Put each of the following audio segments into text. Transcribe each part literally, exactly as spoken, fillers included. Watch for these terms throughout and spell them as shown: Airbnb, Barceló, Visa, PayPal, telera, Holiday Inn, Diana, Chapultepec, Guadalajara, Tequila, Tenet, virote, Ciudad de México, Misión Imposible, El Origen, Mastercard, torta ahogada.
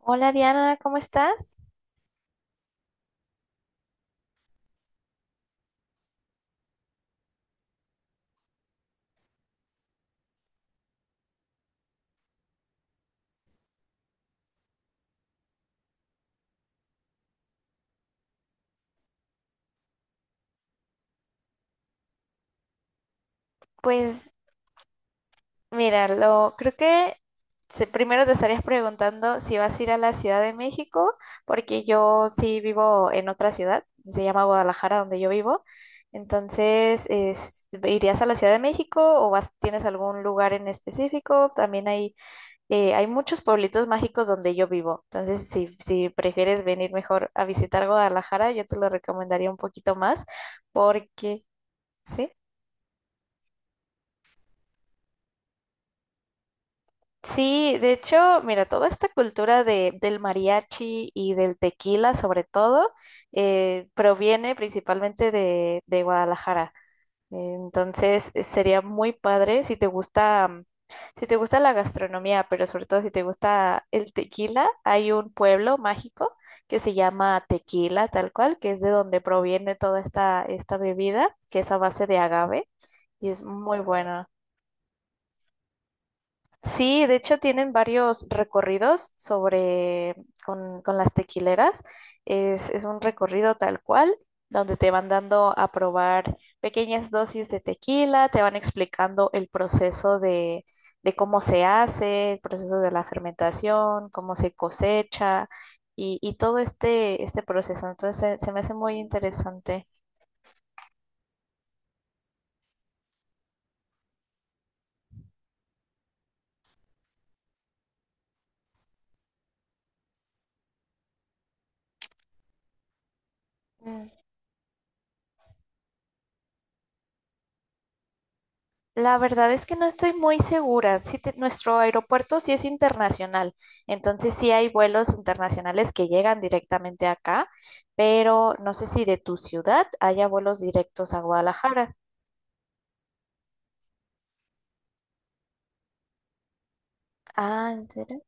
Hola Diana, ¿cómo estás? Pues mira, lo creo que se- primero te estarías preguntando si vas a ir a la Ciudad de México, porque yo sí vivo en otra ciudad, se llama Guadalajara, donde yo vivo. Entonces, es- ¿irías a la Ciudad de México o vas, tienes algún lugar en específico? También hay, eh, hay muchos pueblitos mágicos donde yo vivo. Entonces, si, si prefieres venir mejor a visitar Guadalajara, yo te lo recomendaría un poquito más, porque... ¿sí? Sí, de hecho, mira, toda esta cultura de, del mariachi y del tequila, sobre todo, eh, proviene principalmente de, de Guadalajara. Entonces, eh, sería muy padre si te gusta, mm, si te gusta la gastronomía, pero sobre todo si te gusta el tequila, hay un pueblo mágico que se llama Tequila, tal cual, que es de donde proviene toda esta, esta bebida, que es a base de agave y es muy buena. Sí, de hecho tienen varios recorridos sobre con, con las tequileras. Es, es un recorrido tal cual, donde te van dando a probar pequeñas dosis de tequila, te van explicando el proceso de, de cómo se hace, el proceso de la fermentación, cómo se cosecha y, y todo este, este proceso. Entonces se, se me hace muy interesante. La verdad es que no estoy muy segura. Sí te- nuestro aeropuerto sí es internacional, entonces sí hay vuelos internacionales que llegan directamente acá, pero no sé si de tu ciudad haya vuelos directos a Guadalajara. Ah, ¿en serio?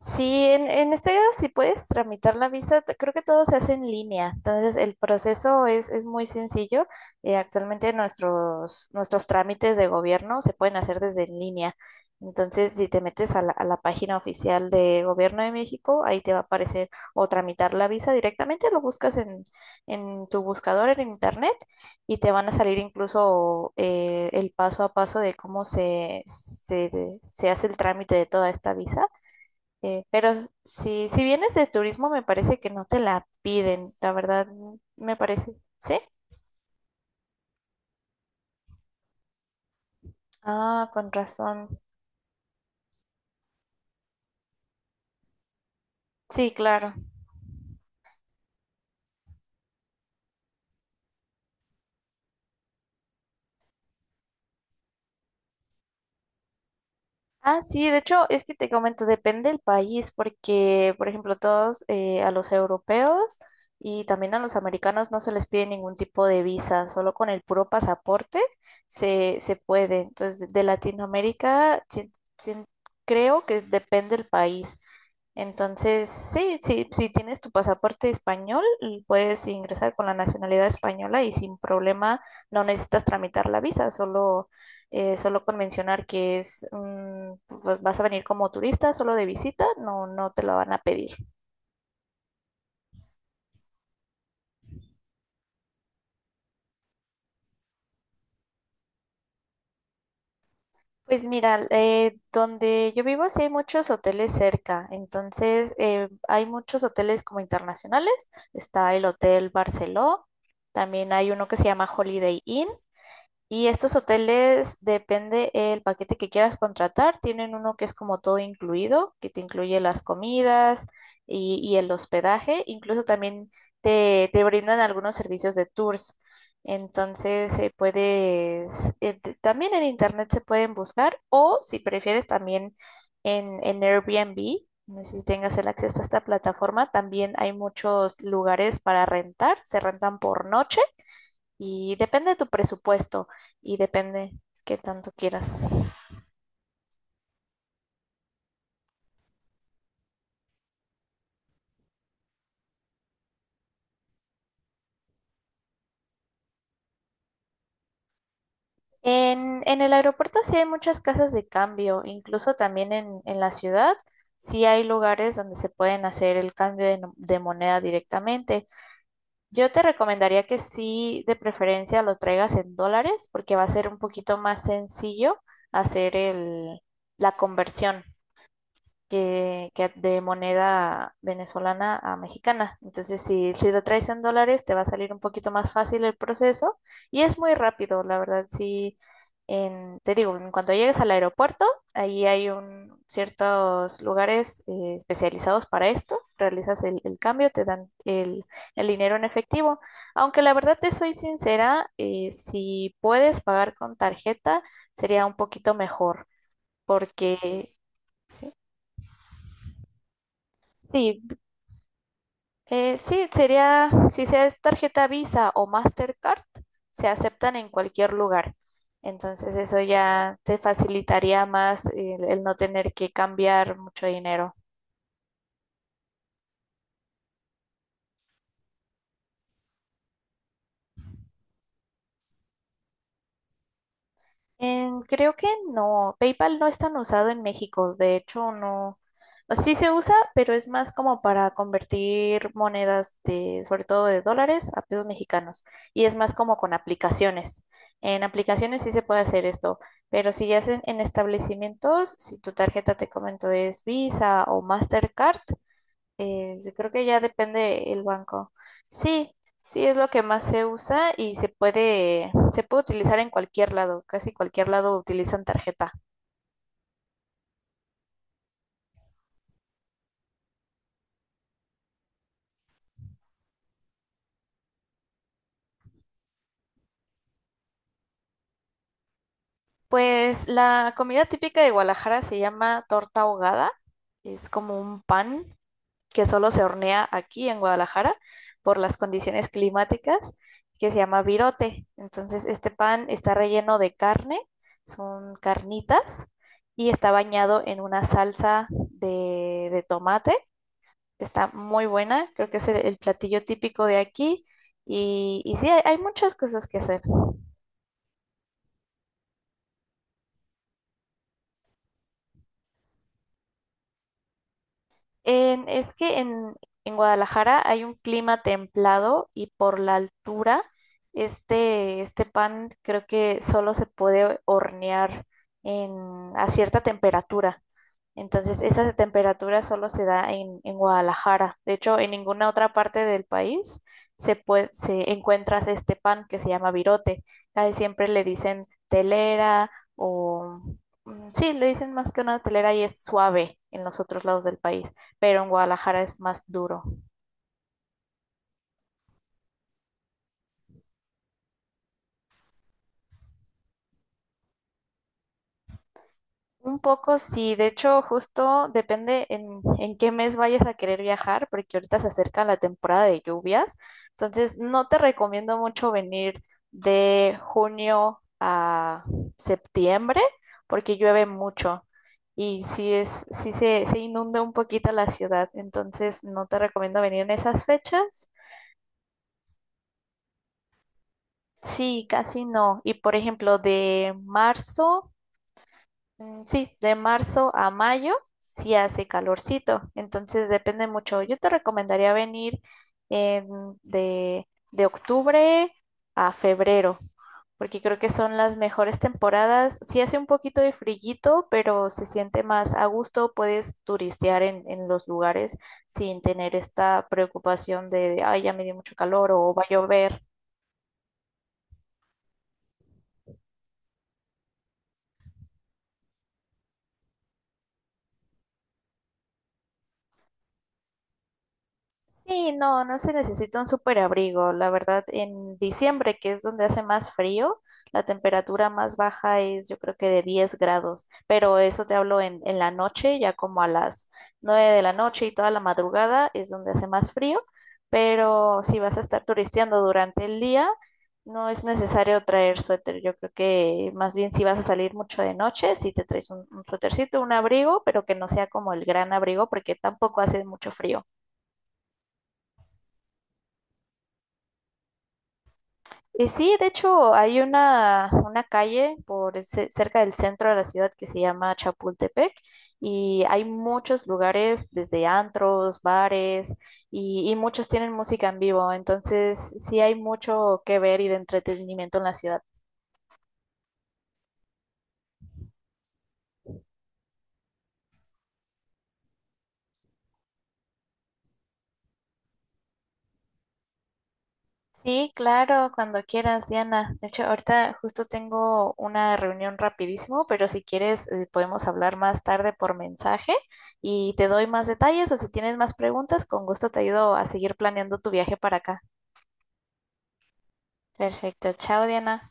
Sí, en, en este caso si puedes tramitar la visa, te- creo que todo se hace en línea, entonces el proceso es, es muy sencillo. Eh, actualmente nuestros, nuestros trámites de gobierno se pueden hacer desde en línea, entonces si te metes a la, a la página oficial de Gobierno de México, ahí te va a aparecer o tramitar la visa directamente, lo buscas en, en tu buscador en internet y te van a salir incluso eh, el paso a paso de cómo se, se, se hace el trámite de toda esta visa. Eh, pero si, si vienes de turismo, me parece que no te la piden, la verdad, mm, me parece. ¿Sí? Ah, con razón. Sí, claro. Ah, sí, de hecho, es que te comento, depende del país, porque, por ejemplo, todos eh, a los europeos y también a los americanos no se les pide ningún tipo de visa, solo con el puro pasaporte se, se puede. Entonces, de Latinoamérica, sí- sí, creo que depende del país. Entonces, sí, sí, si tienes tu pasaporte español, l- puedes ingresar con la nacionalidad española y sin problema no necesitas tramitar la visa, solo, eh, solo con mencionar que es, mm, pues vas a venir como turista, solo de visita, no, no te la van a pedir. Pues mira, eh, donde yo vivo sí hay muchos hoteles cerca, entonces eh, hay muchos hoteles como internacionales, está el Hotel Barceló, también hay uno que se llama Holiday Inn. Y estos hoteles, depende el paquete que quieras contratar, tienen uno que es como todo incluido, que te incluye las comidas y, y el hospedaje, incluso también te, te brindan algunos servicios de tours. Entonces, eh, puedes, eh, t- también en internet se pueden buscar o si prefieres también en, en Airbnb, no sé si tengas el acceso a esta plataforma, también hay muchos lugares para rentar, se rentan por noche y depende de tu presupuesto y depende qué tanto quieras. En, en el aeropuerto sí hay muchas casas de cambio, incluso también en, en la ciudad sí hay lugares donde se pueden hacer el cambio de, no- de moneda directamente. Yo te recomendaría que sí, de preferencia, lo traigas en dólares porque va a ser un poquito más sencillo hacer el, la conversión. que, que de moneda venezolana a mexicana. Entonces, si, si lo traes en dólares, te va a salir un poquito más fácil el proceso y es muy rápido, la verdad. Sí, en- te digo, en cuanto llegues al aeropuerto, ahí hay un, ciertos lugares eh, especializados para esto. Realizas el, el cambio, te dan el, el dinero en efectivo. Aunque la verdad te soy sincera, eh, si puedes pagar con tarjeta, sería un poquito mejor porque... Sí, sí. Eh, sí, sería, si sea es tarjeta Visa o Mastercard, se aceptan en cualquier lugar. Entonces eso ya te facilitaría más el, el no tener que cambiar mucho dinero. Em, creo que no. PayPal no es tan usado en México. De hecho, no. O sea, sí se usa, pero es más como para convertir monedas de, sobre todo de dólares a pesos mexicanos. Y es más como con aplicaciones. En aplicaciones sí se puede hacer esto, pero si ya es en, en establecimientos, si tu tarjeta te comento es Visa o Mastercard, eh, creo que ya depende el banco. Sí, sí es lo que más se usa y se puede, se puede utilizar en cualquier lado, casi cualquier lado utilizan tarjeta. Pues la comida típica de Guadalajara se llama torta ahogada, es como un pan que solo se hornea aquí en Guadalajara por las condiciones climáticas, que se llama virote. Entonces, este pan está relleno de carne, son carnitas, y está bañado en una salsa de, de tomate. Está muy buena, creo que es el, el platillo típico de aquí. Y, y sí, hay, hay muchas cosas que hacer. En- es que en, en Guadalajara hay un clima templado y por la altura, este, este pan creo que solo se puede hornear en, a cierta temperatura. Entonces, esa temperatura solo se da en, en Guadalajara. De hecho, en ninguna otra parte del país se puede, se encuentras este pan que se llama virote. Casi siempre le dicen telera o mm, sí, le dicen más que una telera y es suave en los otros lados del país, pero en Guadalajara es más duro. Un poco sí, de hecho justo depende en, en qué mes vayas a querer viajar, porque ahorita se acerca la temporada de lluvias, entonces no te recomiendo mucho venir de junio a septiembre, porque llueve mucho y sí es, sí se, se inunda un poquito la ciudad, entonces no te recomiendo venir en esas fechas. Sí, casi no. Y por ejemplo, de marzo. Mm, sí, de marzo a mayo sí hace calorcito, entonces depende mucho. Yo te recomendaría venir en- de, de octubre a febrero, porque creo que son las mejores temporadas. Sí hace un poquito de frillito, pero se siente más a gusto, puedes turistear en, en los lugares sin tener esta preocupación de, ay, ya me dio mucho calor o va a llover. Sí, no, no se necesita un superabrigo. La verdad, en diciembre, que es donde hace más frío, la temperatura más baja es yo creo que de diez grados, pero eso te hablo en, en la noche, ya como a las nueve de la noche y toda la madrugada es donde hace más frío, pero si vas a estar turisteando durante el día, no es necesario traer suéter. Yo creo que más bien si vas a salir mucho de noche, si te traes un, un suétercito, un abrigo, pero que no sea como el gran abrigo porque tampoco hace mucho frío. Y sí, de hecho, hay una, una calle por el ce- cerca del centro de la ciudad que se llama Chapultepec y hay muchos lugares, desde antros, bares y, y muchos tienen música en vivo, entonces sí hay mucho que ver y de entretenimiento en la ciudad. Sí, claro, cuando quieras, Diana. De hecho, ahorita justo tengo una reunión rapidísimo, pero si quieres, eh, podemos hablar más tarde por mensaje y te doy más detalles o si tienes más preguntas, con gusto te ayudo a seguir planeando tu viaje para acá. Perfecto, chao, Diana.